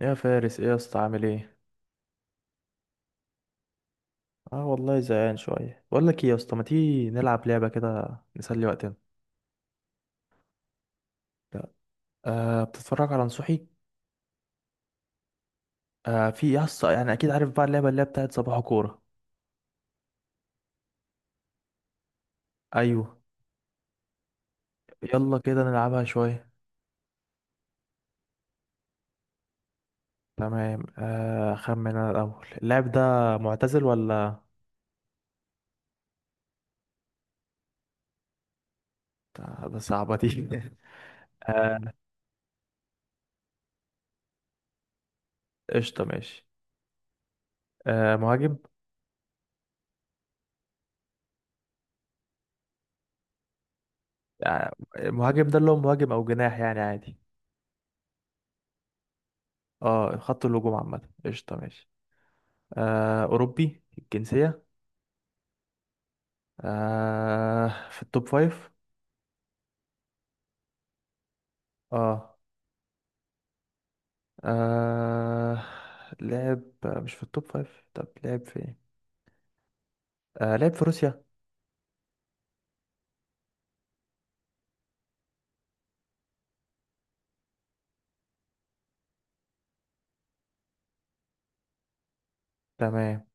يا فارس، ايه يا اسطى؟ عامل ايه؟ اه والله زهقان شويه، بقول لك ايه يا اسطى، ما تيجي نلعب لعبه كده نسلي وقتنا؟ لا. آه، بتتفرج على نصوحي؟ آه في يا اسطى، يعني اكيد عارف بقى اللعبه اللي هي بتاعت صباح كوره. ايوه. يلا كده نلعبها شويه. تمام، خمن انا الاول. اللاعب ده معتزل ولا؟ آه، ده صعبه دي. آه. قشطه ماشي. آه، مهاجم؟ آه، مهاجم ده اللي هو مهاجم او جناح يعني عادي. اه، خط الهجوم عامه، قشطه ماشي. آه، أوروبي الجنسية؟ آه، في التوب فايف؟ اه. آه، لعب مش في التوب فايف؟ طب لعب في ايه؟ آه، لعب في روسيا؟ تمام.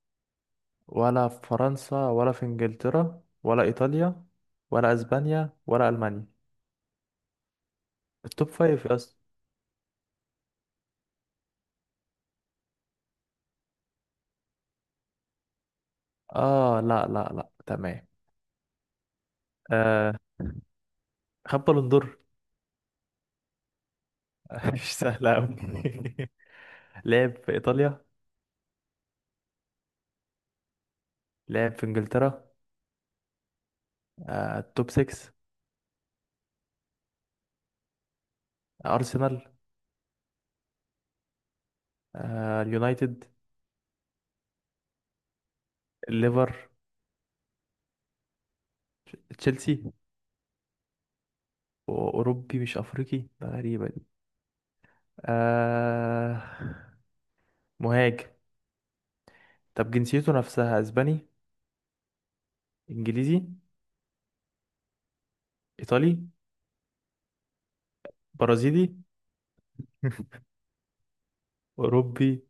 ولا في فرنسا، ولا في انجلترا، ولا ايطاليا؟ ولا اسبانيا، ولا المانيا؟ التوب فايف يا اسطى. اه، لا لا لا، تمام. آه، خد بالون دور. مش سهلة أوي. لعب في ايطاليا؟ لعب في انجلترا؟ آه، توب 6؟ ارسنال؟ آه، اليونايتد؟ الليفر؟ تشيلسي؟ أوروبي مش أفريقي، ده غريبة دي. آه. مهاجم. طب جنسيته نفسها أسباني؟ إنجليزي؟ إيطالي؟ برازيلي؟ أوروبي؟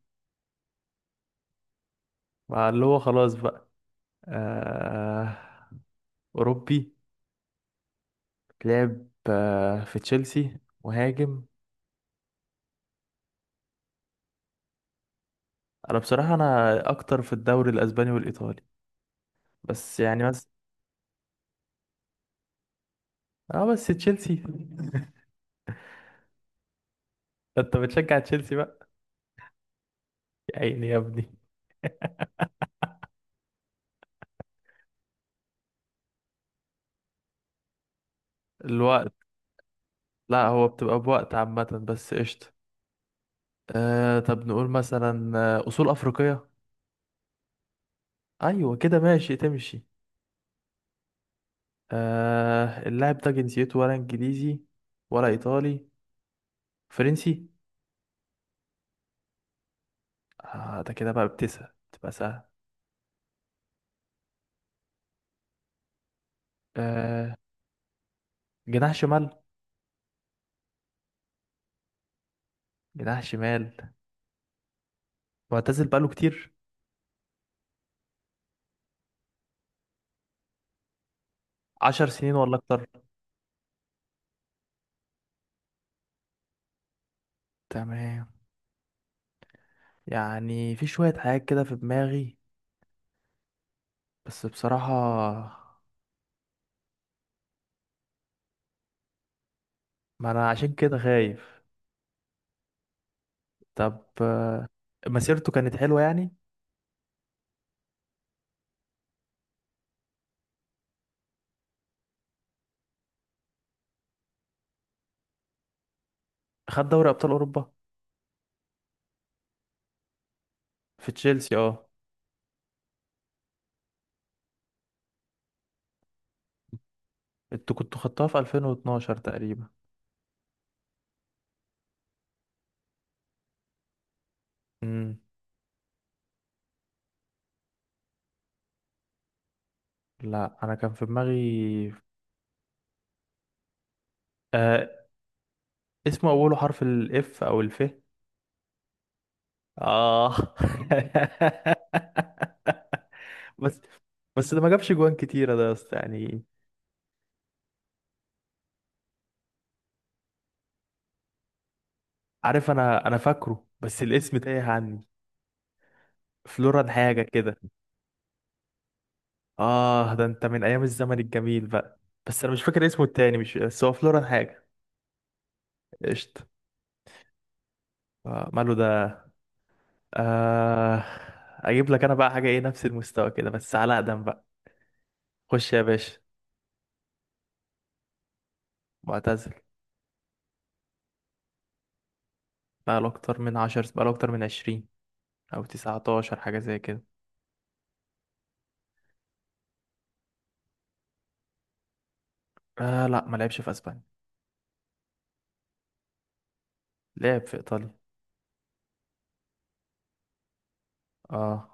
مع اللي هو خلاص بقى. آه. أوروبي. لعب في تشيلسي. مهاجم. أنا بصراحة أنا أكتر في الدوري الأسباني والإيطالي. بس يعني بس. اه، بس تشيلسي. انت بتشجع تشيلسي بقى؟ يا عيني يا ابني. الوقت؟ لا، هو بتبقى بوقت عامة، بس قشطة. طب نقول مثلا أصول أفريقية؟ أيوة كده، ماشي تمشي. آه، اللاعب ده جنسيته، ولا إنجليزي؟ ولا إيطالي؟ فرنسي؟ آه، ده كده بقى بتسأل تبقى سهل. آه، جناح شمال؟ جناح شمال. معتزل بقاله كتير؟ 10 سنين ولا أكتر؟ تمام. يعني في شوية حاجات كده في دماغي، بس بصراحة، ما أنا عشان كده خايف. طب. مسيرته كانت حلوة يعني؟ خد دوري أبطال أوروبا؟ في تشيلسي، اه؟ انتوا كنتوا خدتوها في 2012 تقريبا؟ امم لا، انا كان في دماغي. آه، اسمه اوله حرف الاف او الف؟ اه. بس بس ده ما جابش جوان كتيرة ده يا اسطى يعني. عارف، انا فاكره، بس الاسم تايه عني. فلوران حاجة كده. اه، ده انت من ايام الزمن الجميل بقى. بس انا مش فاكر اسمه التاني، مش، بس هو فلوران حاجة. قشطة. آه، ماله ده. آه. اجيب لك انا بقى حاجة ايه؟ نفس المستوى كده بس على اقدم. خش يا باشا. معتزل. بقاله اكتر من عشر، بقاله اكتر من عشرين. او 19 حاجة زي كده. آه، لا ما لعبش في اسبانيا. لعب في ايطاليا. اه.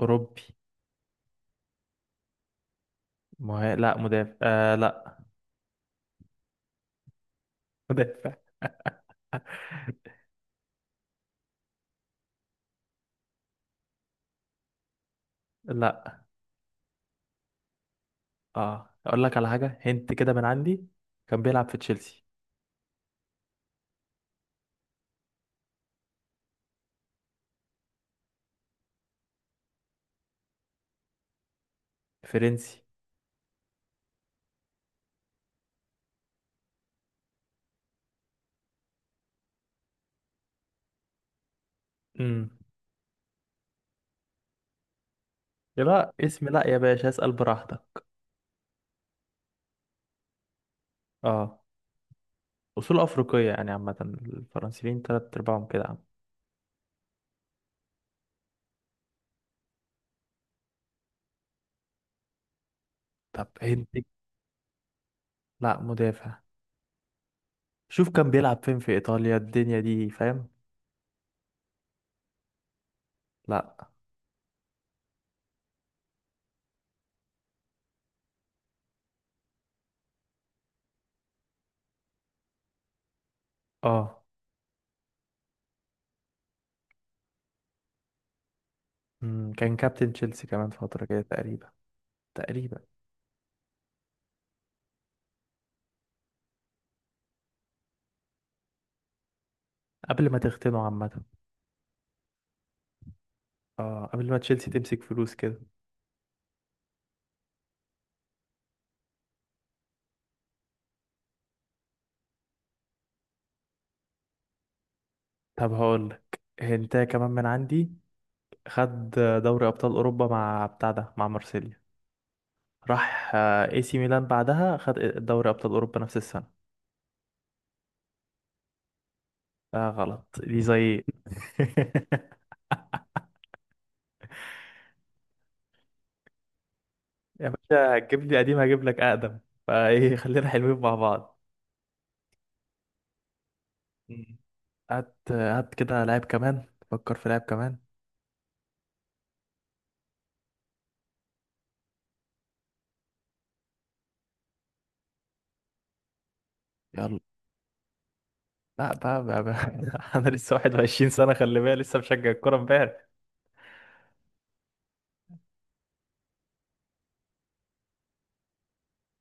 اوروبي. لا، مدافع، آه، لا. مدافع. لا. اه، اقول لك على حاجة، هنت كده من عندي. كان بيلعب في تشيلسي. فرنسي. امم لا اسم، لا يا باشا، اسأل براحتك. اه، اصول افريقية، يعني عامة الفرنسيين تلات ارباعهم كده عم. طب هنت. لا، مدافع. شوف كان بيلعب فين في ايطاليا، الدنيا دي فاهم؟ لا. اه. كان كابتن تشيلسي كمان فترة كده تقريبا. تقريبا. قبل ما تختنوا عامة. اه، قبل ما تشيلسي تمسك فلوس كده. طب هقول لك انت كمان من عندي. خد دوري ابطال اوروبا مع بتاع ده، مع مارسيليا. راح اي سي ميلان، بعدها خد دوري ابطال اوروبا نفس السنة. اه، غلط دي، زي. يا باشا هتجيب لي قديم، هجيب لك اقدم. فايه، خلينا حلوين مع بعض. مم. هات هات كده لاعب كمان. فكر في لاعب كمان. يلا. لا بقى، بقى، بقى. انا لسه 21 سنة، خلي بالك لسه مشجع الكورة امبارح.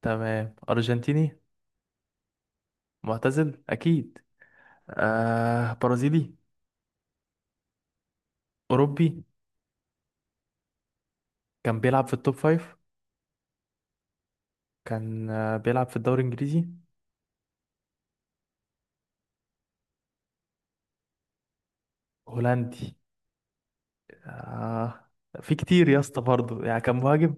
تمام، ارجنتيني؟ معتزل اكيد؟ آه، برازيلي؟ اوروبي؟ كان بيلعب في التوب فايف؟ كان بيلعب في الدوري الانجليزي؟ هولندي؟ آه، في كتير يا اسطى برضه يعني، كان مهاجم.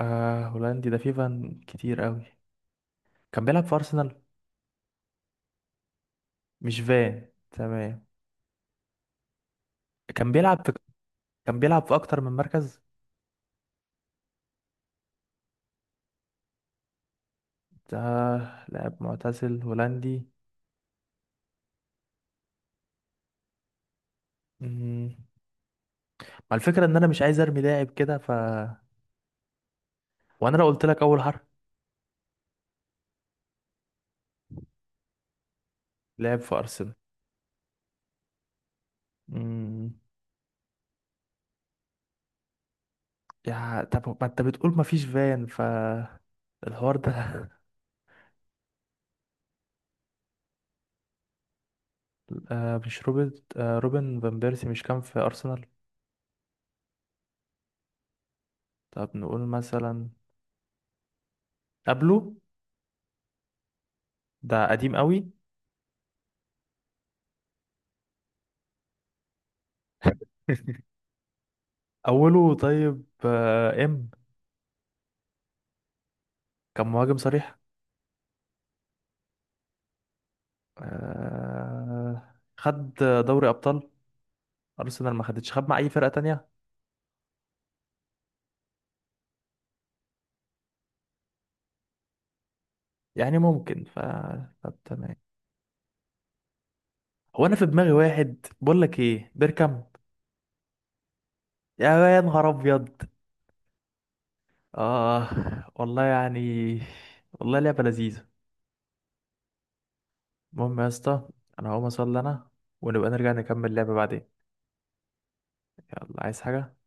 آه، هولندي ده في فان كتير قوي. كان بيلعب في ارسنال؟ مش فان، تمام. كان بيلعب في كان بيلعب في اكتر من مركز. ده لاعب معتزل هولندي. مم. ما الفكرة ان انا مش عايز ارمي لاعب كده، ف. وانا لو قلت لك اول حرف. لاعب في ارسنال. مم. يا طب ما انت بتقول ما فيش فان، ف. الحوار ده. آه، مش روبرت، روبن فان بيرسي، مش كان في ارسنال؟ طب نقول مثلا. قبله. ده قديم قوي؟ اوله طيب آه، ام كان مهاجم صريح. آه، خد دوري ابطال. ارسنال ما خدتش، خد مع اي فرقه تانية؟ يعني ممكن، ف. طب تمام. هو انا في دماغي واحد، بقول لك ايه، بيركامب. يا يا نهار ابيض! اه والله يعني، والله لعبه لذيذه. المهم يا اسطى، انا هقوم اصلي انا، ونبقى نرجع نكمل لعبه بعدين. يلا، عايز حاجه؟